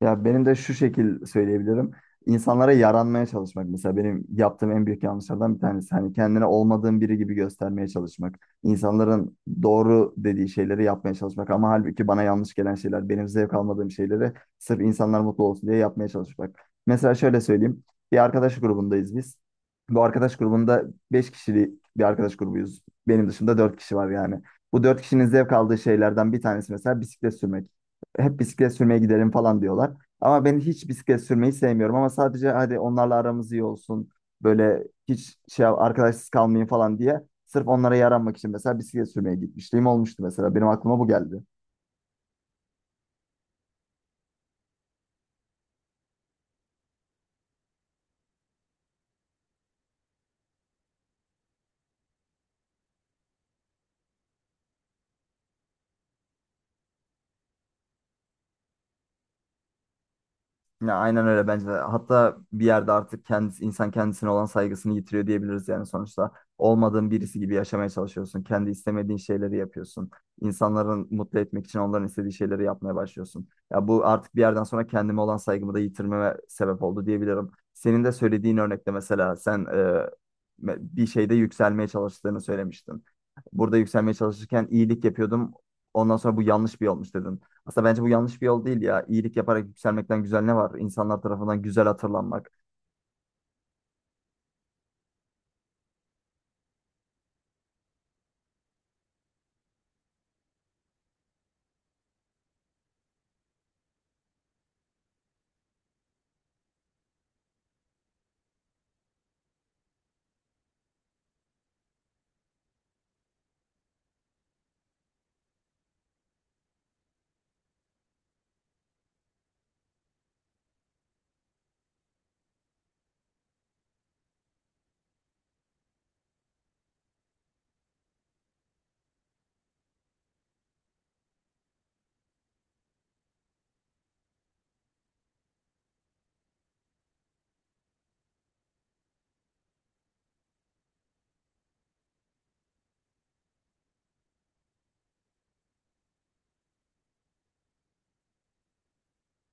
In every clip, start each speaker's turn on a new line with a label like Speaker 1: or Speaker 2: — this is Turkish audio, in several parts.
Speaker 1: Ya benim de şu şekil söyleyebilirim. İnsanlara yaranmaya çalışmak mesela benim yaptığım en büyük yanlışlardan bir tanesi. Hani kendine olmadığın biri gibi göstermeye çalışmak. İnsanların doğru dediği şeyleri yapmaya çalışmak ama halbuki bana yanlış gelen şeyler, benim zevk almadığım şeyleri sırf insanlar mutlu olsun diye yapmaya çalışmak. Mesela şöyle söyleyeyim. Bir arkadaş grubundayız biz. Bu arkadaş grubunda 5 kişilik bir arkadaş grubuyuz. Benim dışında 4 kişi var yani. Bu 4 kişinin zevk aldığı şeylerden bir tanesi mesela bisiklet sürmek, hep bisiklet sürmeye gidelim falan diyorlar. Ama ben hiç bisiklet sürmeyi sevmiyorum, ama sadece hadi onlarla aramız iyi olsun. Böyle hiç şey arkadaşsız kalmayın falan diye sırf onlara yaranmak için mesela bisiklet sürmeye gitmişliğim olmuştu mesela. Benim aklıma bu geldi. Ya aynen öyle bence de. Hatta bir yerde artık kendisi, insan kendisine olan saygısını yitiriyor diyebiliriz yani sonuçta. Olmadığın birisi gibi yaşamaya çalışıyorsun. Kendi istemediğin şeyleri yapıyorsun. İnsanların mutlu etmek için onların istediği şeyleri yapmaya başlıyorsun. Ya bu artık bir yerden sonra kendime olan saygımı da yitirmeme sebep oldu diyebilirim. Senin de söylediğin örnekte mesela sen bir şeyde yükselmeye çalıştığını söylemiştin. Burada yükselmeye çalışırken iyilik yapıyordum. Ondan sonra bu yanlış bir yolmuş dedin. Aslında bence bu yanlış bir yol değil ya. İyilik yaparak yükselmekten güzel ne var? İnsanlar tarafından güzel hatırlanmak.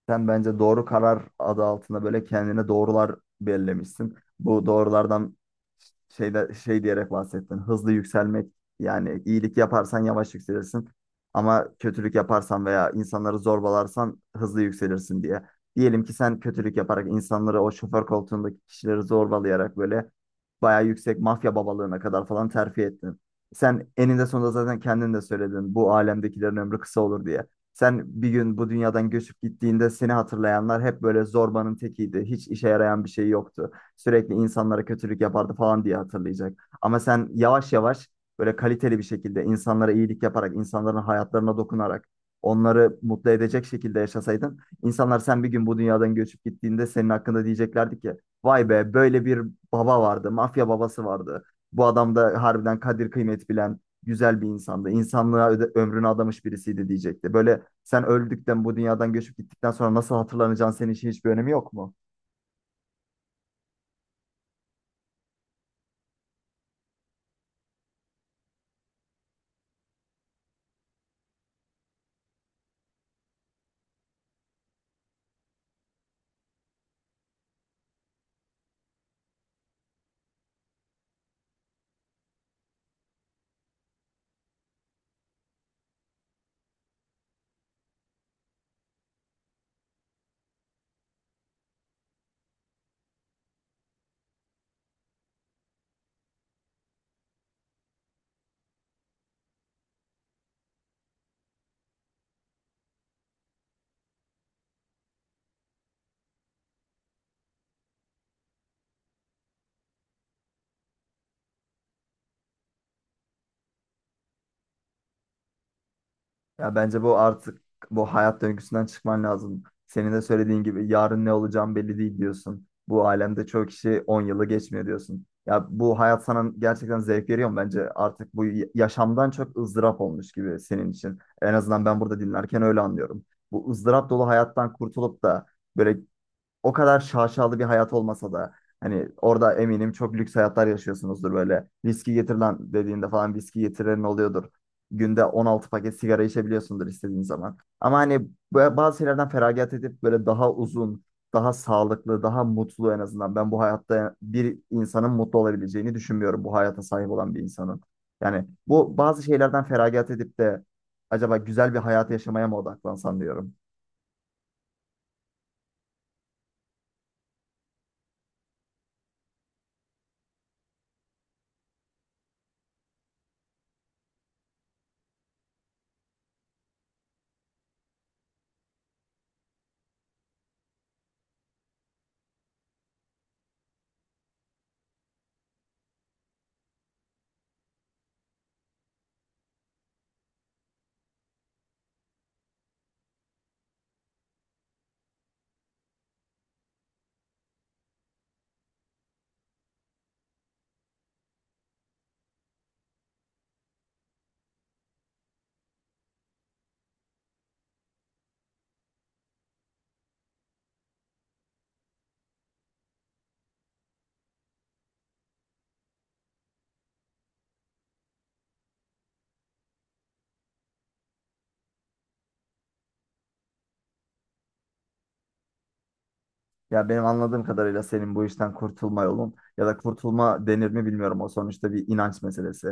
Speaker 1: Sen bence doğru karar adı altında böyle kendine doğrular belirlemişsin. Bu doğrulardan şeyde şey diyerek bahsettin. Hızlı yükselmek, yani iyilik yaparsan yavaş yükselirsin ama kötülük yaparsan veya insanları zorbalarsan hızlı yükselirsin diye. Diyelim ki sen kötülük yaparak insanları, o şoför koltuğundaki kişileri zorbalayarak böyle bayağı yüksek mafya babalığına kadar falan terfi ettin. Sen eninde sonunda, zaten kendin de söyledin, bu alemdekilerin ömrü kısa olur diye. Sen bir gün bu dünyadan göçüp gittiğinde seni hatırlayanlar hep böyle zorbanın tekiydi, hiç işe yarayan bir şey yoktu, sürekli insanlara kötülük yapardı falan diye hatırlayacak. Ama sen yavaş yavaş böyle kaliteli bir şekilde insanlara iyilik yaparak, insanların hayatlarına dokunarak, onları mutlu edecek şekilde yaşasaydın, insanlar sen bir gün bu dünyadan göçüp gittiğinde senin hakkında diyeceklerdi ki, vay be böyle bir baba vardı, mafya babası vardı. Bu adam da harbiden kadir kıymet bilen, güzel bir insandı. İnsanlığa ömrünü adamış birisiydi diyecekti. Böyle sen öldükten, bu dünyadan göçüp gittikten sonra nasıl hatırlanacağın senin için hiçbir önemi yok mu? Ya bence bu artık, bu hayat döngüsünden çıkman lazım. Senin de söylediğin gibi yarın ne olacağım belli değil diyorsun. Bu alemde çoğu kişi 10 yılı geçmiyor diyorsun. Ya bu hayat sana gerçekten zevk veriyor mu? Bence artık bu yaşamdan çok ızdırap olmuş gibi senin için. En azından ben burada dinlerken öyle anlıyorum. Bu ızdırap dolu hayattan kurtulup da böyle, o kadar şaşalı bir hayat olmasa da, hani orada eminim çok lüks hayatlar yaşıyorsunuzdur böyle. Viski getir lan dediğinde falan viski getiren oluyordur. Günde 16 paket sigara içebiliyorsundur istediğin zaman. Ama hani bazı şeylerden feragat edip böyle daha uzun, daha sağlıklı, daha mutlu en azından. Ben bu hayatta bir insanın mutlu olabileceğini düşünmüyorum, bu hayata sahip olan bir insanın. Yani bu bazı şeylerden feragat edip de acaba güzel bir hayat yaşamaya mı odaklansam diyorum. Ya benim anladığım kadarıyla senin bu işten kurtulma yolun ya da kurtulma denir mi bilmiyorum. O sonuçta bir inanç meselesi.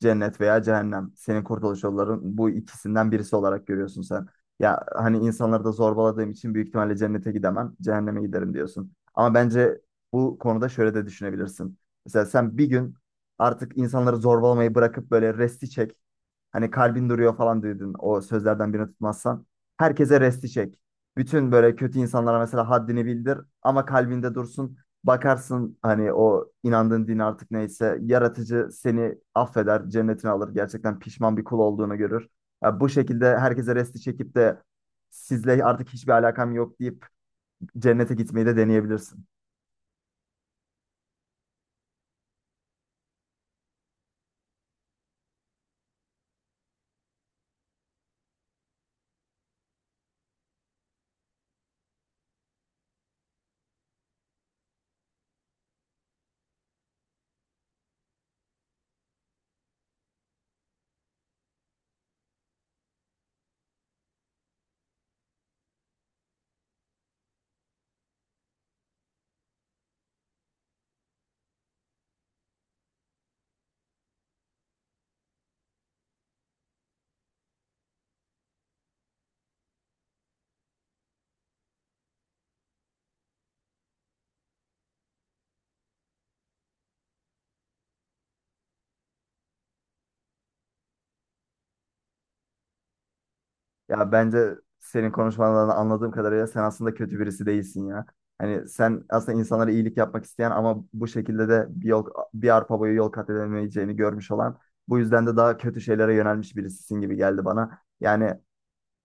Speaker 1: Cennet veya cehennem. Senin kurtuluş yolların bu ikisinden birisi olarak görüyorsun sen. Ya hani insanları da zorbaladığım için büyük ihtimalle cennete gidemem, cehenneme giderim diyorsun. Ama bence bu konuda şöyle de düşünebilirsin. Mesela sen bir gün artık insanları zorbalamayı bırakıp böyle resti çek. Hani kalbin duruyor falan duydun o sözlerden birini tutmazsan. Herkese resti çek. Bütün böyle kötü insanlara mesela haddini bildir ama kalbinde dursun. Bakarsın hani o inandığın din artık neyse yaratıcı seni affeder, cennetine alır. Gerçekten pişman bir kul olduğunu görür. Ya bu şekilde herkese resti çekip de sizle artık hiçbir alakam yok deyip cennete gitmeyi de deneyebilirsin. Ya bence senin konuşmalarından anladığım kadarıyla sen aslında kötü birisi değilsin ya. Hani sen aslında insanlara iyilik yapmak isteyen ama bu şekilde de bir yol, bir arpa boyu yol kat edemeyeceğini görmüş olan, bu yüzden de daha kötü şeylere yönelmiş birisisin gibi geldi bana. Yani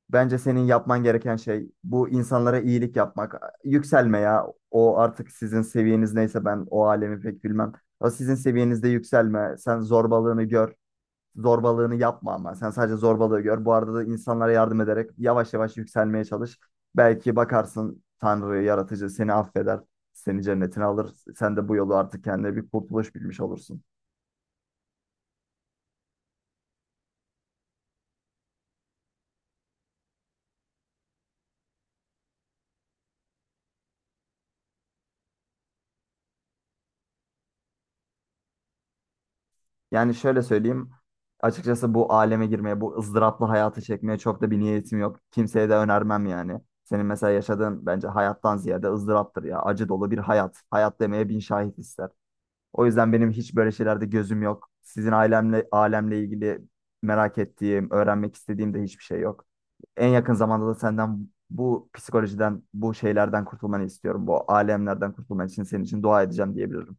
Speaker 1: bence senin yapman gereken şey bu, insanlara iyilik yapmak. Yükselme ya. O artık sizin seviyeniz neyse, ben o alemi pek bilmem. O sizin seviyenizde yükselme. Sen zorbalığını gör, zorbalığını yapma ama. Sen sadece zorbalığı gör. Bu arada da insanlara yardım ederek yavaş yavaş yükselmeye çalış. Belki bakarsın Tanrı, yaratıcı seni affeder. Seni cennetine alır. Sen de bu yolu artık kendine bir kurtuluş bilmiş olursun. Yani şöyle söyleyeyim. Açıkçası bu aleme girmeye, bu ızdıraplı hayatı çekmeye çok da bir niyetim yok. Kimseye de önermem yani. Senin mesela yaşadığın bence hayattan ziyade ızdıraptır ya. Acı dolu bir hayat. Hayat demeye bin şahit ister. O yüzden benim hiç böyle şeylerde gözüm yok. Sizin ailemle alemle ilgili merak ettiğim, öğrenmek istediğim de hiçbir şey yok. En yakın zamanda da senden bu psikolojiden, bu şeylerden kurtulmanı istiyorum. Bu alemlerden kurtulman için senin için dua edeceğim diyebilirim.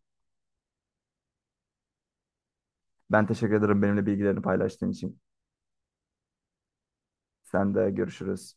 Speaker 1: Ben teşekkür ederim benimle bilgilerini paylaştığın için. Sen de görüşürüz.